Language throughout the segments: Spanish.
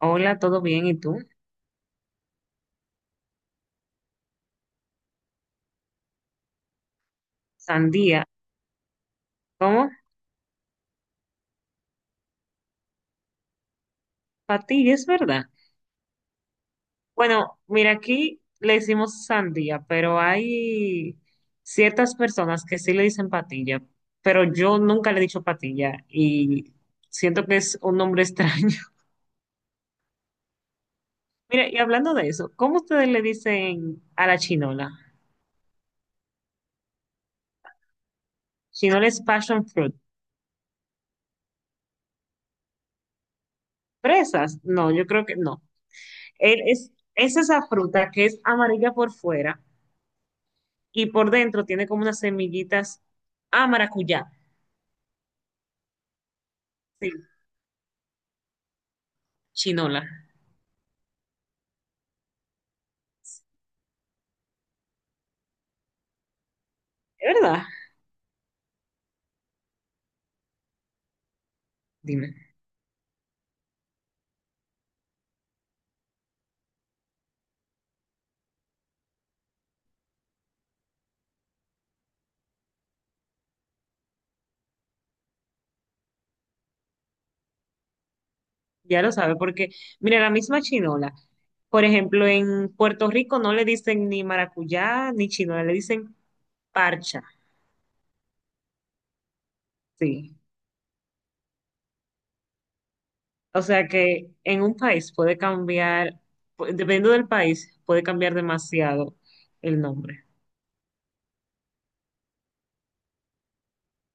Hola, ¿todo bien? ¿Y tú? Sandía. ¿Cómo? Patilla, es verdad. Bueno, mira, aquí le decimos sandía, pero hay ciertas personas que sí le dicen patilla, pero yo nunca le he dicho patilla y siento que es un nombre extraño. Mira, y hablando de eso, ¿cómo ustedes le dicen a la chinola? Chinola es passion fruit. ¿Fresas? No, yo creo que no. Él es esa fruta que es amarilla por fuera y por dentro tiene como unas semillitas a maracuyá. Sí, chinola. ¿Es verdad? Dime. Ya lo sabe, porque mira, la misma chinola. Por ejemplo, en Puerto Rico no le dicen ni maracuyá ni chinola, le dicen parcha. Sí. O sea que en un país puede cambiar, dependiendo del país, puede cambiar demasiado el nombre.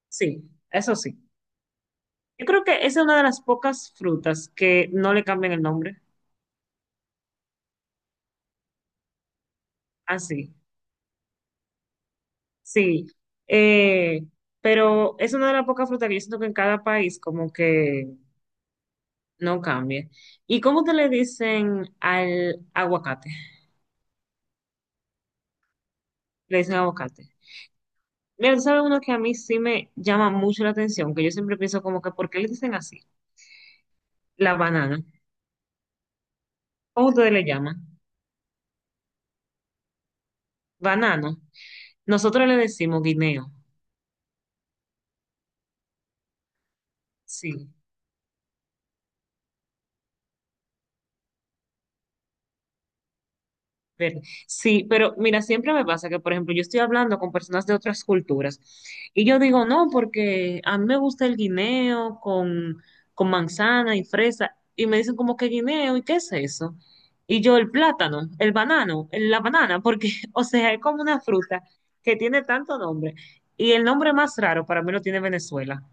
Sí, eso sí. Yo creo que esa es una de las pocas frutas que no le cambian el nombre. Así. Sí, eh, pero es una de las pocas frutas que yo siento que en cada país como que no cambia. ¿Y cómo te le dicen al aguacate? Le dicen aguacate. Mira, tú sabes uno que a mí sí me llama mucho la atención, que yo siempre pienso como que ¿por qué le dicen así? La banana. ¿Cómo ustedes le llaman? Banano. Nosotros le decimos guineo. Sí. Ver, Sí, pero mira, siempre me pasa que, por ejemplo, yo estoy hablando con personas de otras culturas y yo digo, no, porque a mí me gusta el guineo con manzana y fresa y me dicen como que guineo y qué es eso. Y yo el plátano, el banano, la banana, porque, o sea, es como una fruta que tiene tanto nombre y el nombre más raro para mí lo tiene Venezuela,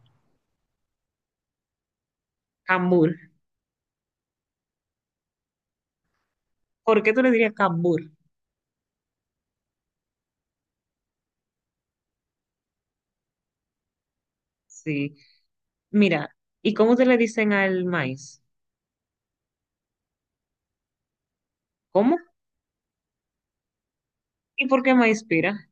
cambur. ¿Por qué tú le dirías cambur? Sí, mira, ¿y cómo te le dicen al maíz? ¿Cómo? ¿Y por qué maíz pira?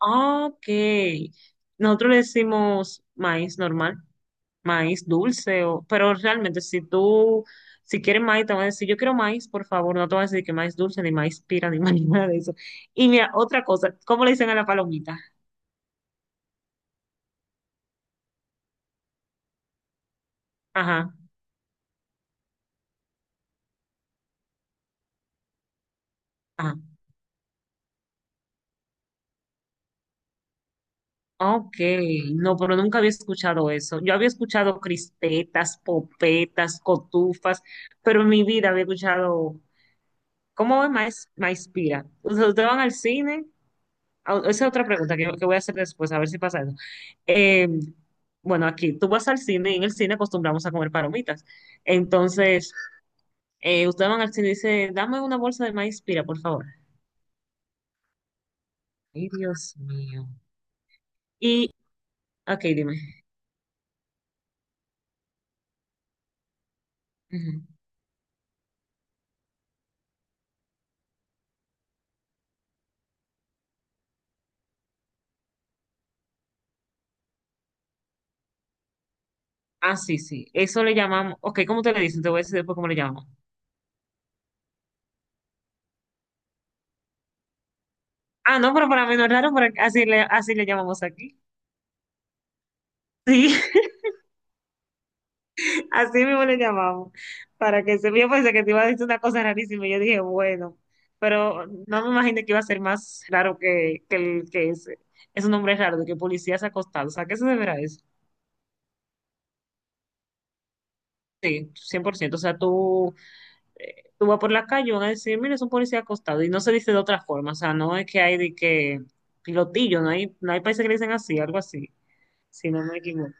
Ah, Ok. Nosotros le decimos maíz normal, maíz dulce, o, pero realmente si quieres maíz, te van a decir, yo quiero maíz, por favor, no te van a decir que maíz dulce, ni maíz pira, ni maíz nada de eso. Y mira, otra cosa, ¿cómo le dicen a la palomita? Ajá, ah, ok, no, pero nunca había escuchado eso. Yo había escuchado crispetas, popetas, cotufas, pero en mi vida había escuchado, ¿cómo es maíz, maíz pira? O sea, ustedes van al cine. Ah, esa es otra pregunta que voy a hacer después, a ver si pasa eso. Eh, bueno, aquí tú vas al cine y en el cine acostumbramos a comer palomitas. Entonces, ustedes van al cine y dicen, dame una bolsa de maíz pira, por favor. Ay, Dios mío. Y, ok, dime. Ujú. Ah, sí, sí. Eso le llamamos. Ok, ¿cómo te le dicen? Te voy a decir después cómo le llamamos. Ah, no, pero para mí no es raro, pero así le llamamos aquí. Sí. Así mismo le llamamos, para que se yo pensé que te iba a decir una cosa rarísima y yo dije, bueno, pero no me imaginé que iba a ser más raro que el que ese. Es un nombre raro de que policías acostados. ¿A qué se deberá eso? Sí, 100%. O sea, tú vas por la calle y van a decir, mira, es un policía acostado. Y no se dice de otra forma. O sea, no es que hay de que pilotillo, no hay países que le dicen así, algo así, si no me equivoco.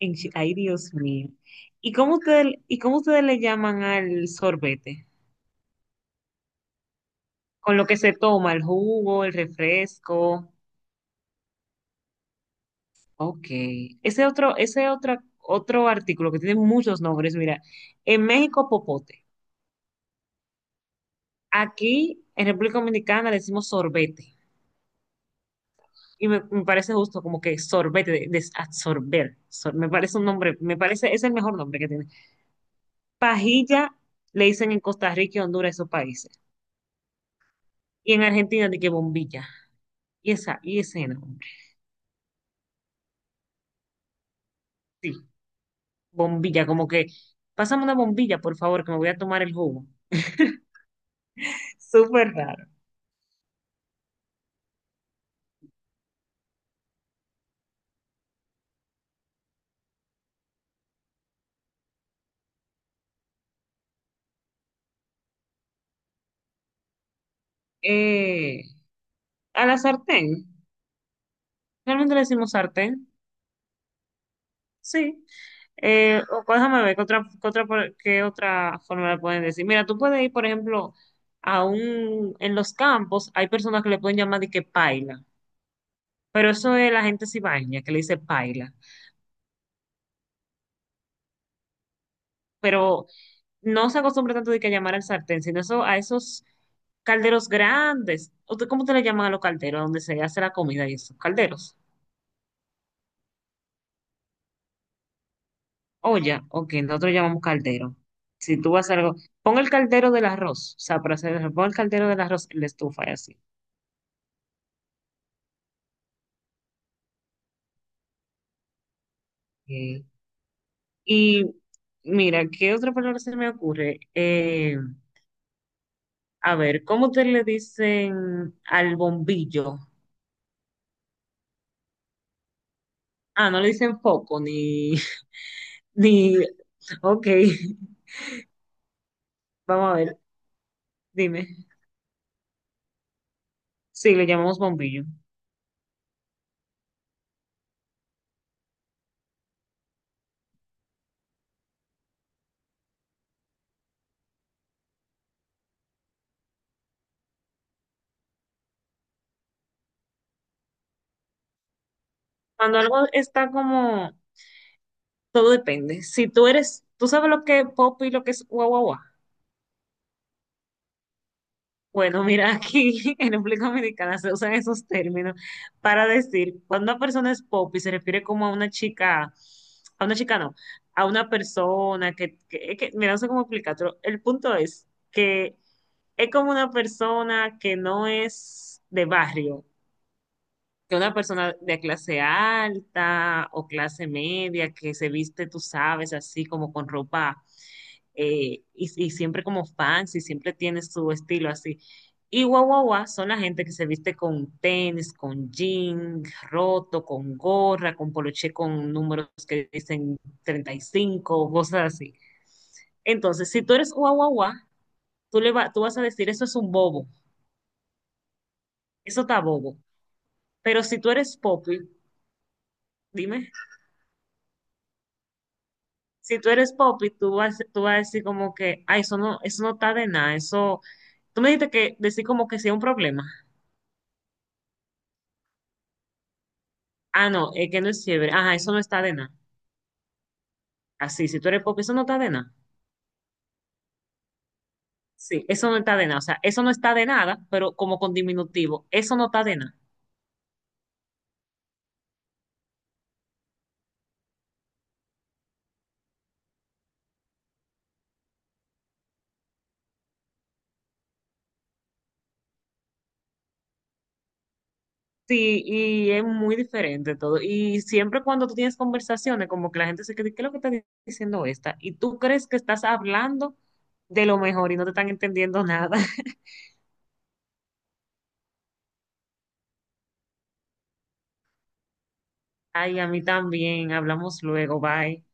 Ay, Dios mío. ¿Y cómo ustedes le llaman al sorbete? Con lo que se toma, el jugo, el refresco. Ok. Otro artículo que tiene muchos nombres, mira, en México popote. Aquí en República Dominicana le decimos sorbete. Y me parece justo como que sorbete, de- desadsorber. Me parece un nombre, me parece, es el mejor nombre que tiene. Pajilla le dicen en Costa Rica y Honduras, esos países. Y en Argentina de que bombilla. Y esa, y ese nombre. Sí, bombilla, como que, pásame una bombilla, por favor, que me voy a tomar el jugo. Súper raro. Eh, a la sartén. Realmente le decimos sartén. Sí. O, pues, déjame ver qué otra forma le pueden decir. Mira, tú puedes ir, por ejemplo, en los campos hay personas que le pueden llamar de que paila. Pero eso es la gente cibaeña que le dice paila. Pero no se acostumbra tanto de que llamar al sartén, sino eso, a esos calderos grandes. ¿Usted cómo te le llaman a los calderos donde se hace la comida y esos calderos? Olla, ok, nosotros llamamos caldero. Si tú vas a hacer algo, pon el caldero del arroz, o sea, para hacer pon el caldero del arroz en la estufa y así. Ok. Y mira, ¿qué otra palabra se me ocurre? A ver, ¿cómo te le dicen al bombillo? Ah, no le dicen foco, ni, ni, ok, vamos a ver, dime. Sí, le llamamos bombillo. Cuando algo está como, todo depende. Si tú eres, ¿Tú sabes lo que es pop y lo que es guau, guau, guau? Bueno, mira, aquí en República Dominicana se usan esos términos para decir cuando una persona es pop y se refiere como a una chica no, a una persona mira, no sé cómo explicarlo. El punto es que es como una persona que no es de barrio, que una persona de clase alta o clase media que se viste, tú sabes, así como con ropa y siempre como fancy, siempre tiene su estilo así. Y guau, guau, guau, son la gente que se viste con tenis, con jean roto, con gorra, con poloché con números que dicen 35, cosas así. Entonces, si tú eres guau, guau, guau, tú vas a decir, eso es un bobo, eso está bobo. Pero si tú eres popi, dime. Si tú eres pop y tú vas a decir como que, ay, eso no está de nada, eso, tú me dijiste que decir como que sea un problema. Ah, no, es que no es fiebre. Ajá, eso no está de nada. Así, si tú eres pop, eso no está de nada. Sí, eso no está de nada. O sea, eso no está de nada, pero como con diminutivo, eso no está de nada. Sí, y es muy diferente todo. Y siempre cuando tú tienes conversaciones, como que la gente se cree, ¿qué es lo que está diciendo esta? Y tú crees que estás hablando de lo mejor y no te están entendiendo nada. Ay, a mí también. Hablamos luego. Bye.